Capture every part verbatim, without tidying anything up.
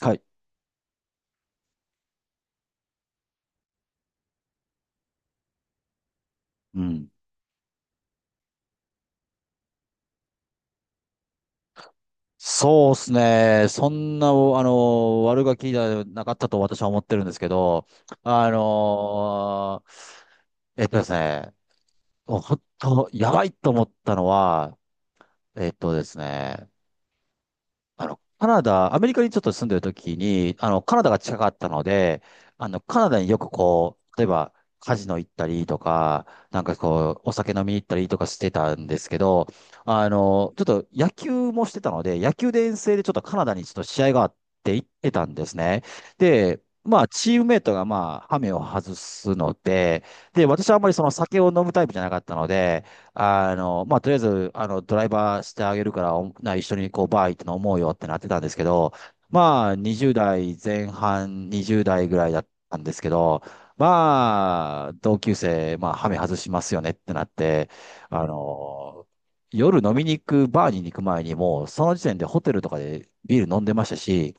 はい。うん。そうですね。そんな、おあの、悪ガキじゃなかったと私は思ってるんですけど、あの、えっとですね、本当、やばいと思ったのは、えっとですね、あの、カナダ、アメリカにちょっと住んでる時に、あの、カナダが近かったので、あの、カナダによくこう、例えば、カジノ行ったりとか、なんかこう、お酒飲みに行ったりとかしてたんですけど、あの、ちょっと野球もしてたので、野球で遠征でちょっとカナダにちょっと試合があって行ってたんですね。で、まあ、チームメイトがまあ、ハメを外すので、で、私はあんまりその酒を飲むタイプじゃなかったので、あの、まあ、とりあえず、あの、ドライバーしてあげるから、おな一緒にこう、バー行って飲もうよってなってたんですけど、まあ、にじゅう代前半、にじゅう代ぐらいだったんですけど、まあ、同級生、まあ、ハメ外しますよねってなって、あの、夜飲みに行く、バーに行く前にもう、その時点でホテルとかでビール飲んでましたし、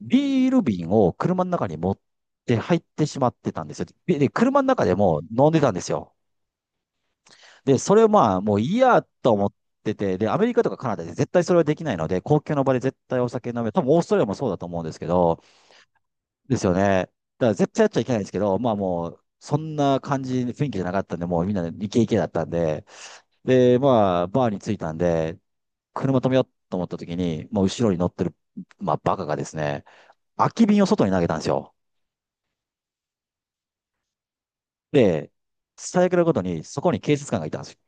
ビール瓶を車の中に持って入ってしまってたんですよ。で、で車の中でも飲んでたんですよ。で、それをまあ、もういいやと思ってて、で、アメリカとかカナダで絶対それはできないので、公共の場で絶対お酒飲め、多分オーストラリアもそうだと思うんですけど、ですよね。だから絶対やっちゃいけないんですけど、まあもう、そんな感じ、雰囲気じゃなかったんで、もうみんなイケイケだったんで、で、まあ、バーに着いたんで、車止めようと思った時に、もう後ろに乗ってる、まあ、バカがですね、空き瓶を外に投げたんですよ。で、最悪なことに、そこに警察官がいたんですよ。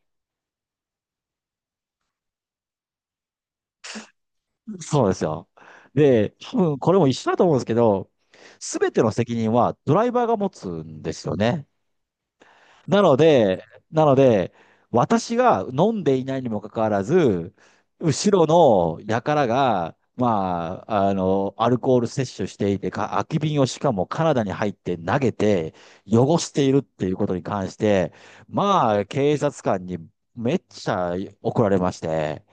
そうなんですよ。で、多分これも一緒だと思うんですけど、すべての責任はドライバーが持つんですよね。なので、なので、私が飲んでいないにもかかわらず、後ろの輩が、まあ、あの、アルコール摂取していて、か、空き瓶をしかもカナダに入って投げて、汚しているっていうことに関して、まあ、警察官にめっちゃ怒られまして、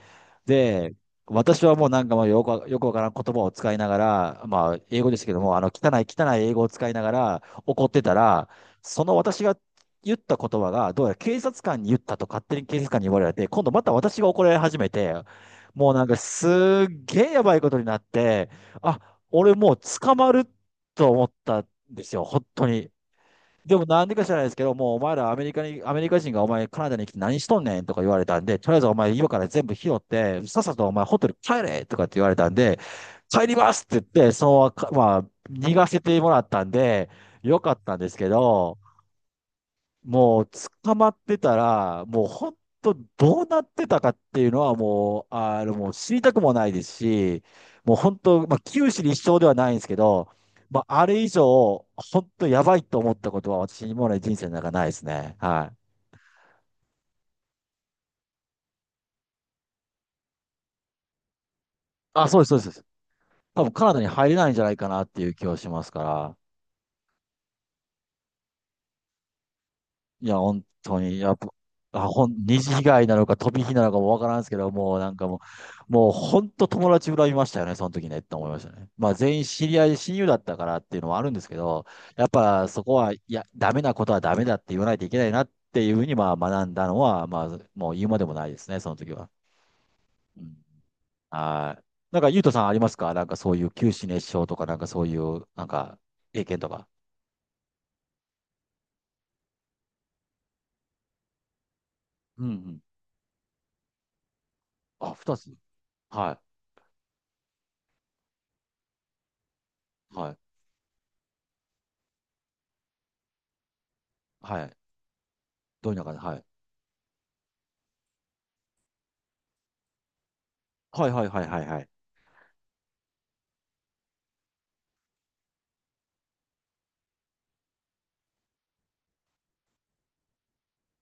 で、私はもうなんかもうよくわ、よくわからん言葉を使いながら、まあ、英語ですけども、あの、汚い汚い英語を使いながら怒ってたら、その私が言った言葉が、どうやら警察官に言ったと勝手に警察官に言われて、今度また私が怒られ始めて、もうなんかすっげえやばいことになって、あ、俺もう捕まると思ったんですよ、本当に。でもなんでか知らないですけど、もうお前らアメリカに、アメリカ人がお前カナダに来て何しとんねんとか言われたんで、とりあえずお前今から全部拾って、さっさとお前ホテル帰れとかって言われたんで、帰りますって言って、そう、まあ、逃がせてもらったんで、よかったんですけど、もう捕まってたら、もう本当どうなってたかっていうのはもう、あの、もう知りたくもないですし、もう本当、まあ、九死に一生ではないんですけど、まあ、あれ以上、本当やばいと思ったことは私にもで人生の中ないですね。はい。あ、そうです、そうです。そうです、多分カナダに入れないんじゃないかなっていう気はしますから。いや、本当に、やっぱ、あ、ほん、二次被害なのか飛び火なのかもわからんすけど、もうなんかもう、もう本当友達恨みましたよね、その時ねって思いましたね。まあ全員知り合い、親友だったからっていうのはあるんですけど、やっぱそこは、いや、ダメなことはダメだって言わないといけないなっていうふうに、まあ学んだのは、まあもう言うまでもないですね、その時は。うん。はい。なんか、ゆうとさんありますか？なんかそういう九死熱傷とか、なんかそういう、なんか、経験とか。うんうん。あ、二つ。はい。はい。はい。どういう中で、はい。はいはいはいはいはい。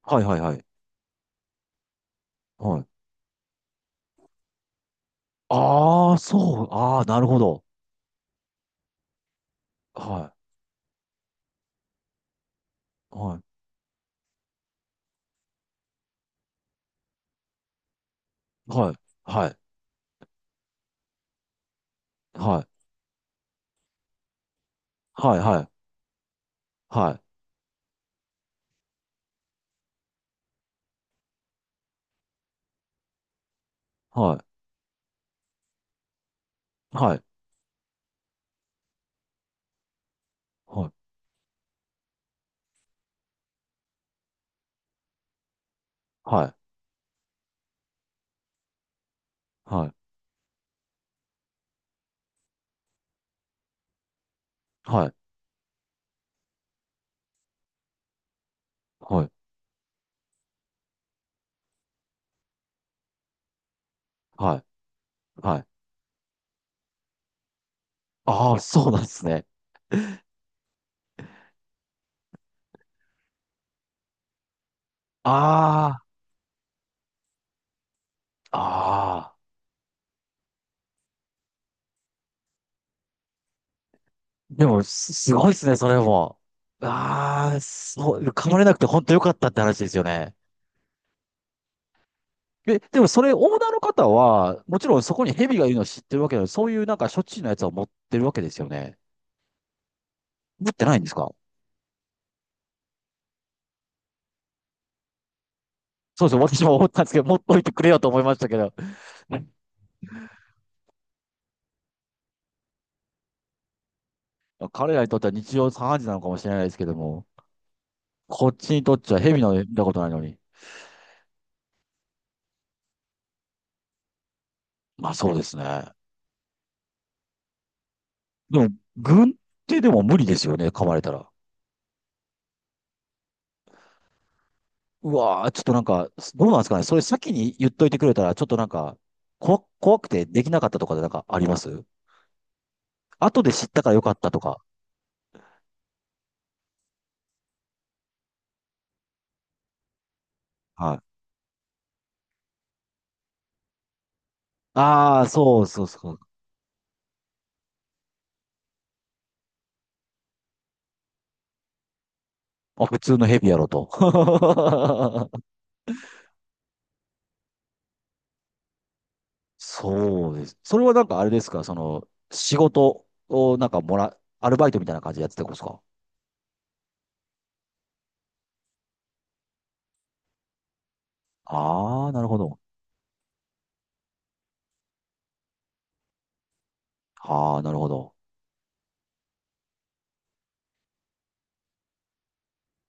はいはいはい。はい。ああ、そう。ああ、なるほど。はい。はい。はい。はい。はい。はい。はい。はい。はい。はい。はい。はい。はい。はい。はい。はい。はいああ、そうなんですね。ああ、ああ。でも、すすごいですね、それも。ああ、そう、噛まれなくて本当よかったって話ですよね。え、でもそれ、オーナーの方は、もちろんそこに蛇がいるのを知ってるわけでそういうなんか処置のやつを持ってるわけですよね。持ってないんですか？そうですよ。私も思ったんですけど、持っといてくれよと思いましたけど。彼らにとっては日常茶飯事なのかもしれないですけども、こっちにとっちゃ蛇の見たことないのに。まあそうですね。でも、軍手でも無理ですよね、噛まれたら。うわー、ちょっとなんか、どうなんですかね。それ先に言っといてくれたら、ちょっとなんか、こ、怖くてできなかったとかでなんかあります？後で知ったからよかったとか。はいああ、そうそうそう。あ、普通のヘビやろと。そうです。それはなんかあれですかその、仕事をなんかもら、アルバイトみたいな感じでやってたんですか？ああー、なるほど。ああ、なるほど。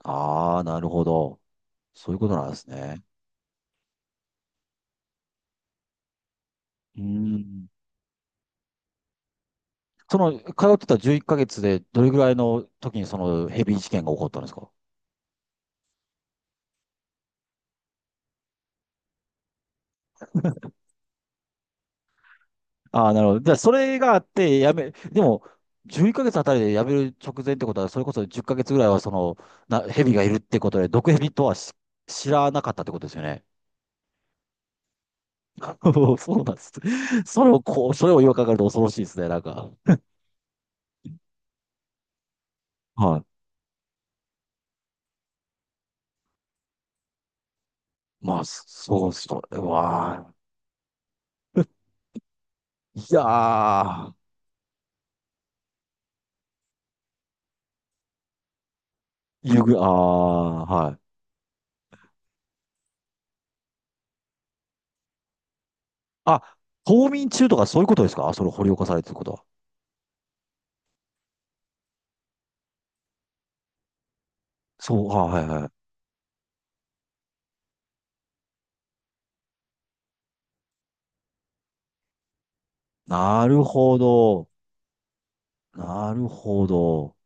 ああ、なるほど。そういうことなんですね。うーん。その、通ってたじゅういっかげつでどれぐらいの時にそのヘビ事件が起こったんですか？ああ、なるほど。じゃあ、それがあって、やめ、でも、じゅういっかげつあたりでやめる直前ってことは、それこそじゅっかげつぐらいは、その、な、蛇がいるってことで、毒蛇とはし知らなかったってことですよね。そうなんです。それをこう、それを言いかえると恐ろしいですね、なんか。はい。まあ、そそう、それは、いやー、ゆぐ、ああ、はい。あ、冬眠中とかそういうことですか？それ掘り起こされてることは。そう、あ、はいはい。なるほど。なるほど。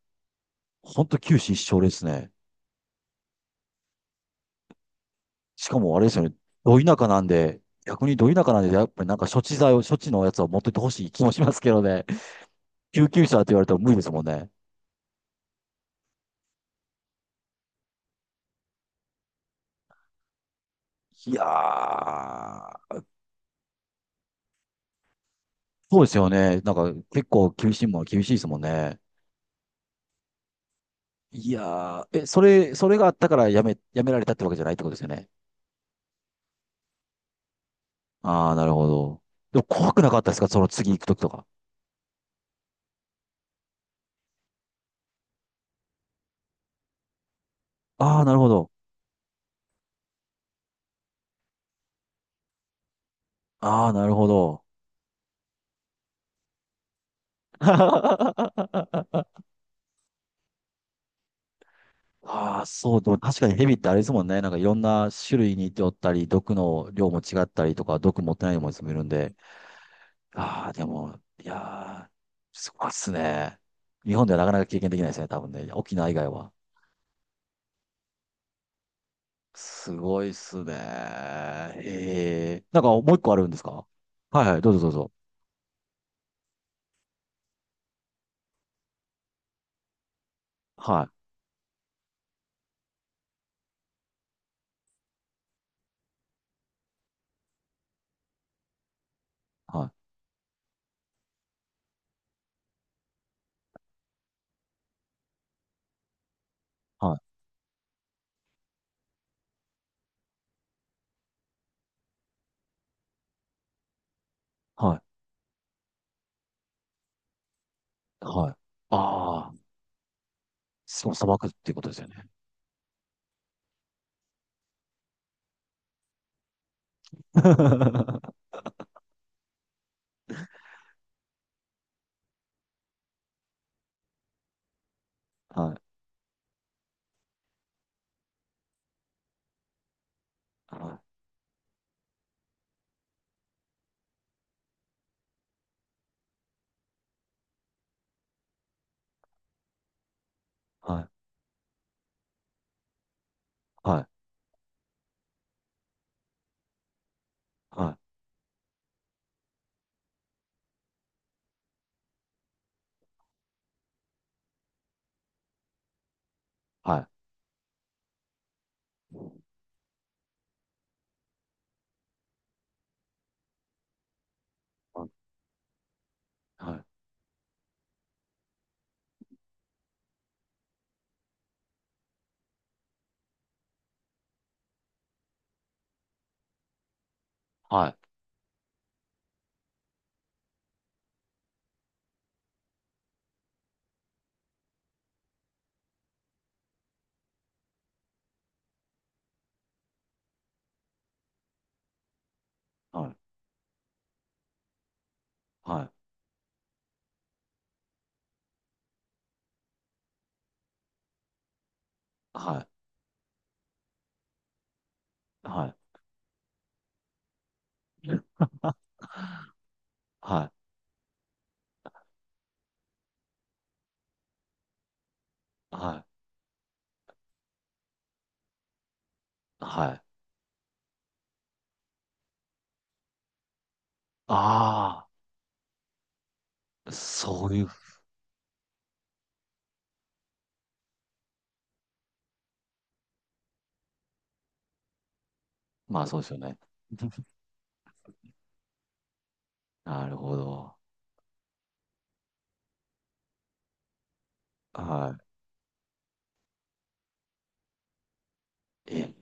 ほんと九死一生ですね。しかもあれですよね。ど田舎なんで、逆にど田舎なんで、やっぱりなんか処置剤を、処置のやつを持ってってほしい気もしますけどね。救急車って言われたら無理ですもんね。いやー、そうですよね。なんか結構厳しいものは厳しいですもんね。いやー、え、それ、それがあったからやめ、やめられたってわけじゃないってことですよね。あー、なるほど。でも怖くなかったですかその次行くときとか。あー、なるほど。あー、なるほど。ああ、そう、でも確かにヘビってあれですもんね。なんかいろんな種類にいておったり、毒の量も違ったりとか、毒持ってないのもいもいるんで。ああ、でも、いやー、すごいっすね。日本ではなかなか経験できないですね、多分ね。沖縄以外は。すごいっすね。ええ。なんかもう一個あるんですか？はいはい、どうぞどうぞ。はい、はい、はい、はい、はい。ああ、しかも砂漠っていうことですよね。はい、はい、はい、はい、はい、はい。はいはい。はい。はい。はい。はい。はい。はい。はい。ああ、そういう、まあそうですよね。なるほど。はい。え、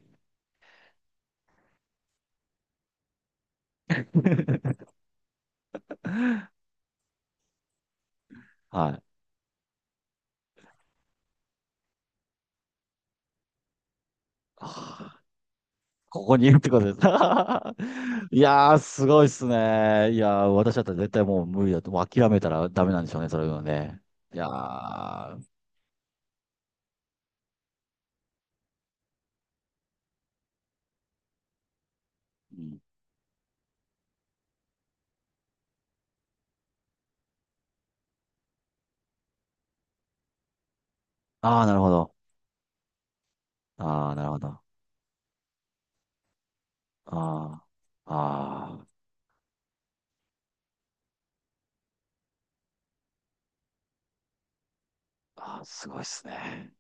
はい。はあここにいるってことです。いやー、すごいっすね。いやー、私だったら絶対もう無理だと、もう諦めたらダメなんでしょうね、それはね。いやー、うんあー、なるほど。あー、なるほど。あー、あー、あー、すごいっすね。